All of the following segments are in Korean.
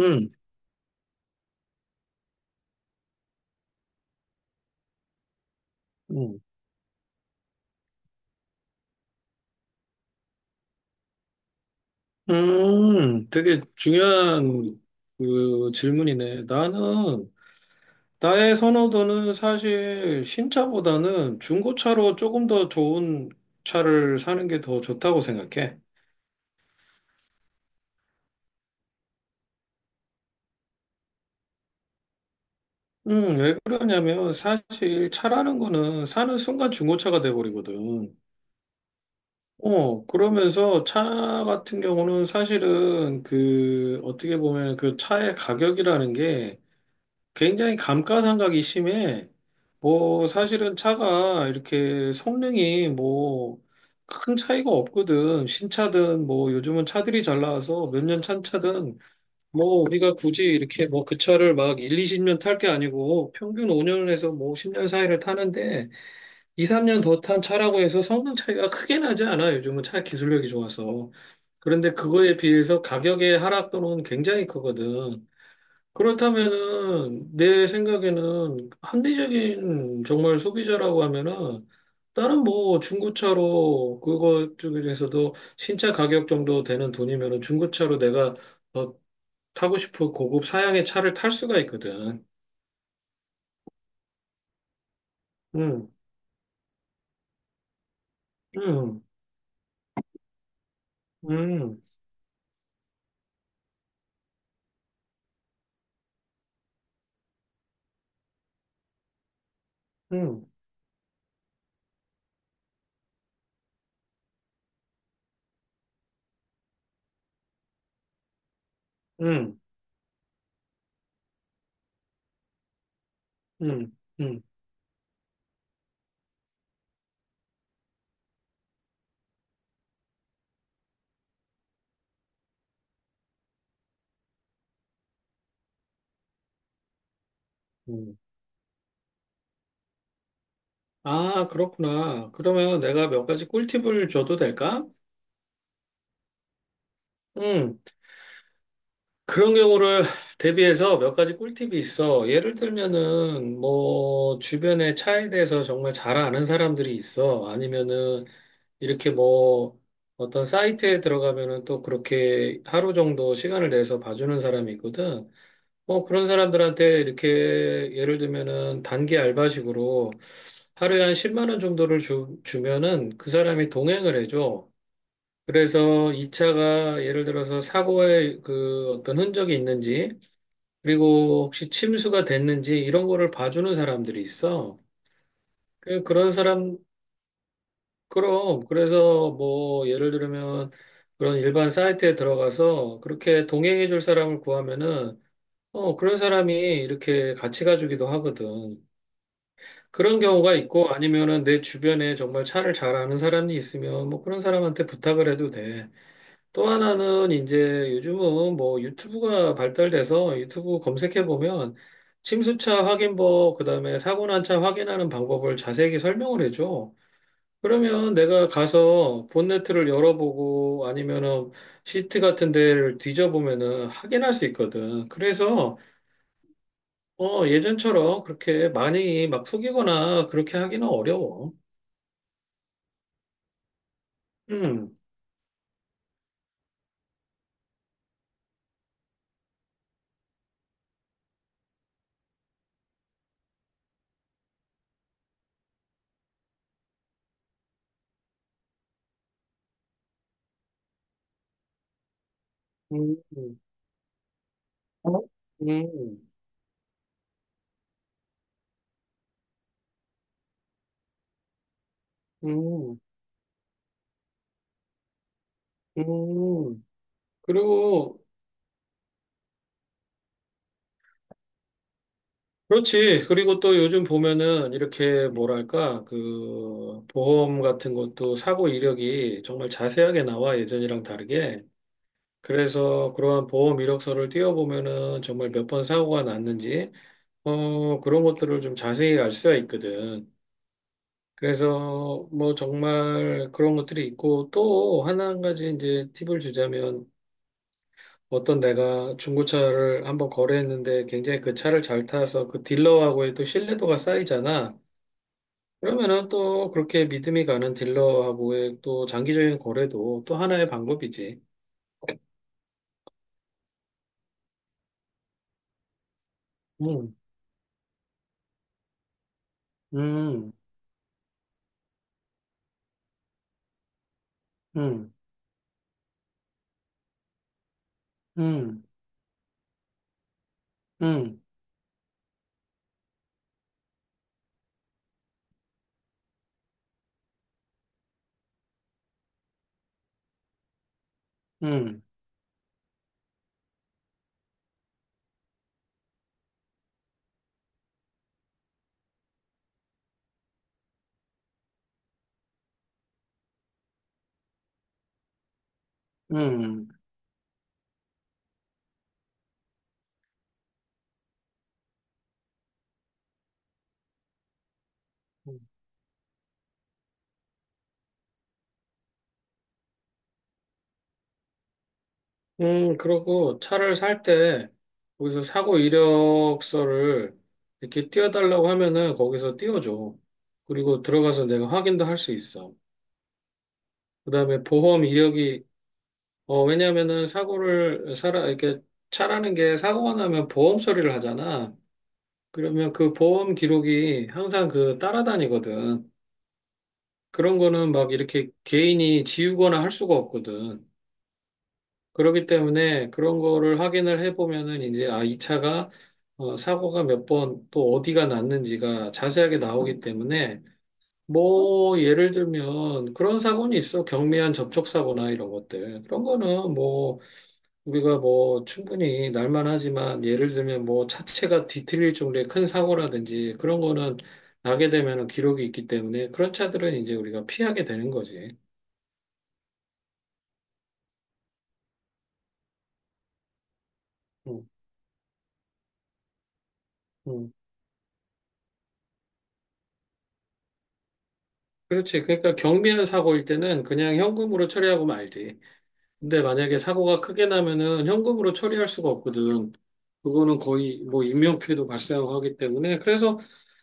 음, 음, 되게 중요한 그 질문이네. 나의 선호도는 사실 신차보다는 중고차로 조금 더 좋은 차를 사는 게 더 좋다고 생각해. 왜 그러냐면 사실 차라는 거는 사는 순간 중고차가 돼버리거든. 그러면서 차 같은 경우는 사실은 그 어떻게 보면 그 차의 가격이라는 게 굉장히 감가상각이 심해. 뭐, 사실은 차가 이렇게 성능이 뭐, 큰 차이가 없거든. 신차든 뭐, 요즘은 차들이 잘 나와서 몇 년 찬 차든 뭐, 우리가 굳이 이렇게 뭐, 그 차를 막 1, 20년 탈 게 아니고 평균 5년에서 뭐, 10년 사이를 타는데 2, 3년 더 탄 차라고 해서 성능 차이가 크게 나지 않아. 요즘은 차 기술력이 좋아서. 그런데 그거에 비해서 가격의 하락 또는 굉장히 크거든. 그렇다면은 내 생각에는 합리적인 정말 소비자라고 하면은 다른 뭐 중고차로 그거 쪽에서도 신차 가격 정도 되는 돈이면은 중고차로 내가 더 타고 싶은 고급 사양의 차를 탈 수가 있거든. 음, 음, 음, 음, 음, 음, 음, 음. 아, 그렇구나. 그러면 내가 몇 가지 꿀팁을 줘도 될까? 응, 그런 경우를 대비해서 몇 가지 꿀팁이 있어. 예를 들면은 뭐 주변에 차에 대해서 정말 잘 아는 사람들이 있어. 아니면은 이렇게 뭐 어떤 사이트에 들어가면은 또 그렇게 하루 정도 시간을 내서 봐주는 사람이 있거든. 뭐 그런 사람들한테 이렇게 예를 들면은 단기 알바식으로 하루에 한 10만 원 정도를 주면은 그 사람이 동행을 해줘. 그래서 이 차가 예를 들어서 사고의 그 어떤 흔적이 있는지 그리고 혹시 침수가 됐는지 이런 거를 봐주는 사람들이 있어. 그런 사람, 그럼. 그래서 뭐 예를 들면 그런 일반 사이트에 들어가서 그렇게 동행해 줄 사람을 구하면은 그런 사람이 이렇게 같이 가주기도 하거든. 그런 경우가 있고 아니면은 내 주변에 정말 차를 잘 아는 사람이 있으면 뭐 그런 사람한테 부탁을 해도 돼. 또 하나는 이제 요즘은 뭐 유튜브가 발달돼서 유튜브 검색해 보면 침수차 확인법, 그다음에 사고 난 차 확인하는 방법을 자세히 설명을 해줘. 그러면 내가 가서 본네트를 열어보고 아니면은 시트 같은 데를 뒤져보면은 확인할 수 있거든. 그래서 예전처럼 그렇게 많이 막 속이거나 그렇게 하기는 어려워. 음. 음. 음. 음. 음. 음. 그리고 그렇지. 그리고 또 요즘 보면은 이렇게 뭐랄까, 그, 보험 같은 것도 사고 이력이 정말 자세하게 나와, 예전이랑 다르게. 그래서 그러한 보험 이력서를 띄워보면은 정말 몇 번 사고가 났는지, 그런 것들을 좀 자세히 알 수가 있거든. 그래서 뭐 정말 그런 것들이 있고 또 하나 한 가지 이제 팁을 주자면 어떤 내가 중고차를 한번 거래했는데 굉장히 그 차를 잘 타서 그 딜러하고의 또 신뢰도가 쌓이잖아. 그러면은 또 그렇게 믿음이 가는 딜러하고의 또 장기적인 거래도 또 하나의 방법이지. 음, 음, 음, 음, 음, 음, 음. 그러고 차를 살 때 거기서 사고 이력서를 이렇게 띄워달라고 하면은 거기서 띄워줘. 그리고 들어가서 내가 확인도 할 수 있어. 그다음에 보험 이력이 왜냐면은 사고를 살아 이렇게 차라는 게 사고가 나면 보험 처리를 하잖아. 그러면 그 보험 기록이 항상 그 따라다니거든. 그런 거는 막 이렇게 개인이 지우거나 할 수가 없거든. 그렇기 때문에 그런 거를 확인을 해보면은 이제 아, 이 차가 사고가 몇 번 또 어디가 났는지가 자세하게 나오기 때문에 뭐 예를 들면 그런 사고는 있어. 경미한 접촉사고나 이런 것들. 그런 거는 뭐 우리가 뭐 충분히 날만 하지만 예를 들면 뭐 차체가 뒤틀릴 정도의 큰 사고라든지 그런 거는 나게 되면은 기록이 있기 때문에 그런 차들은 이제 우리가 피하게 되는 거지. 음, 음. 그렇지. 그러니까 경미한 사고일 때는 그냥 현금으로 처리하고 말지. 근데 만약에 사고가 크게 나면은 현금으로 처리할 수가 없거든. 그거는 거의 뭐 인명피해도 발생하고 하기 때문에 그래서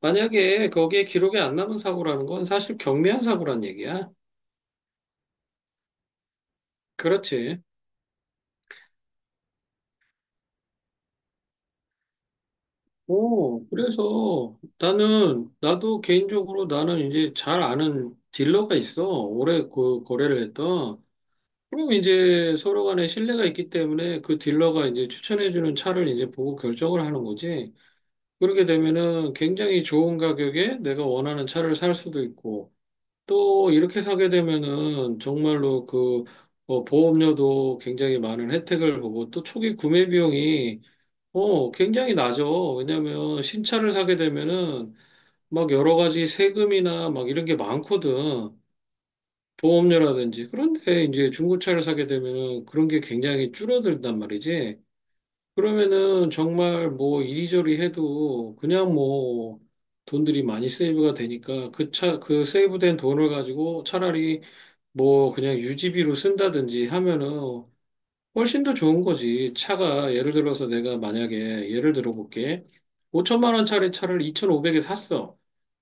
만약에 거기에 기록이 안 남은 사고라는 건 사실 경미한 사고란 얘기야. 그렇지. 오, 그래서 나도 개인적으로 나는 이제 잘 아는 딜러가 있어. 오래 그 거래를 했던. 그럼 이제 서로 간에 신뢰가 있기 때문에 그 딜러가 이제 추천해주는 차를 이제 보고 결정을 하는 거지. 그렇게 되면은 굉장히 좋은 가격에 내가 원하는 차를 살 수도 있고, 또 이렇게 사게 되면은 정말로 보험료도 굉장히 많은 혜택을 보고, 또 초기 구매 비용이 굉장히 낮죠. 왜냐면 신차를 사게 되면은 막 여러 가지 세금이나 막 이런 게 많거든. 보험료라든지. 그런데 이제 중고차를 사게 되면은 그런 게 굉장히 줄어들단 말이지. 그러면은 정말 뭐 이리저리 해도 그냥 뭐 돈들이 많이 세이브가 되니까 그 세이브된 돈을 가지고 차라리 뭐 그냥 유지비로 쓴다든지 하면은 훨씬 더 좋은 거지. 차가 예를 들어서 내가 만약에 예를 들어 볼게. 5천만 원짜리 차를 2,500에 샀어.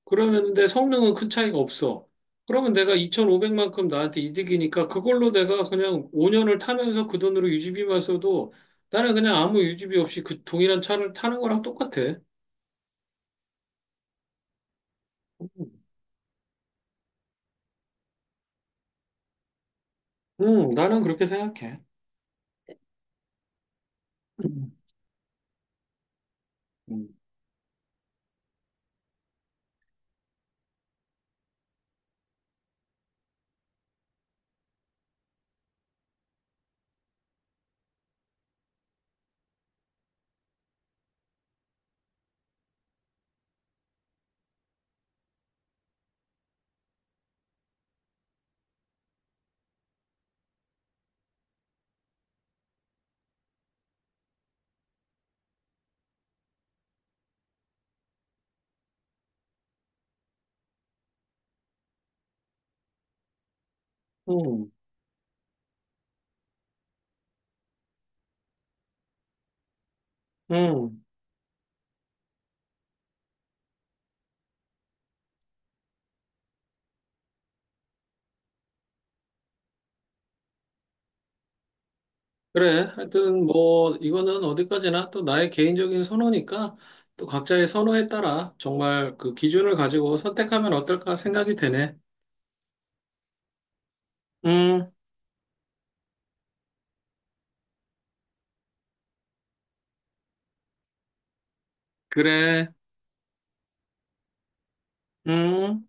그러면 내 성능은 큰 차이가 없어. 그러면 내가 2,500만큼 나한테 이득이니까 그걸로 내가 그냥 5년을 타면서 그 돈으로 유지비만 써도 나는 그냥 아무 유지비 없이 그 동일한 차를 타는 거랑 똑같아. 음, 나는 그렇게 생각해. 음, 음, 음. 그래. 하여튼 뭐 이거는 어디까지나 또 나의 개인적인 선호니까 또 각자의 선호에 따라 정말 그 기준을 가지고 선택하면 어떨까 생각이 되네. 음, 그래. 음.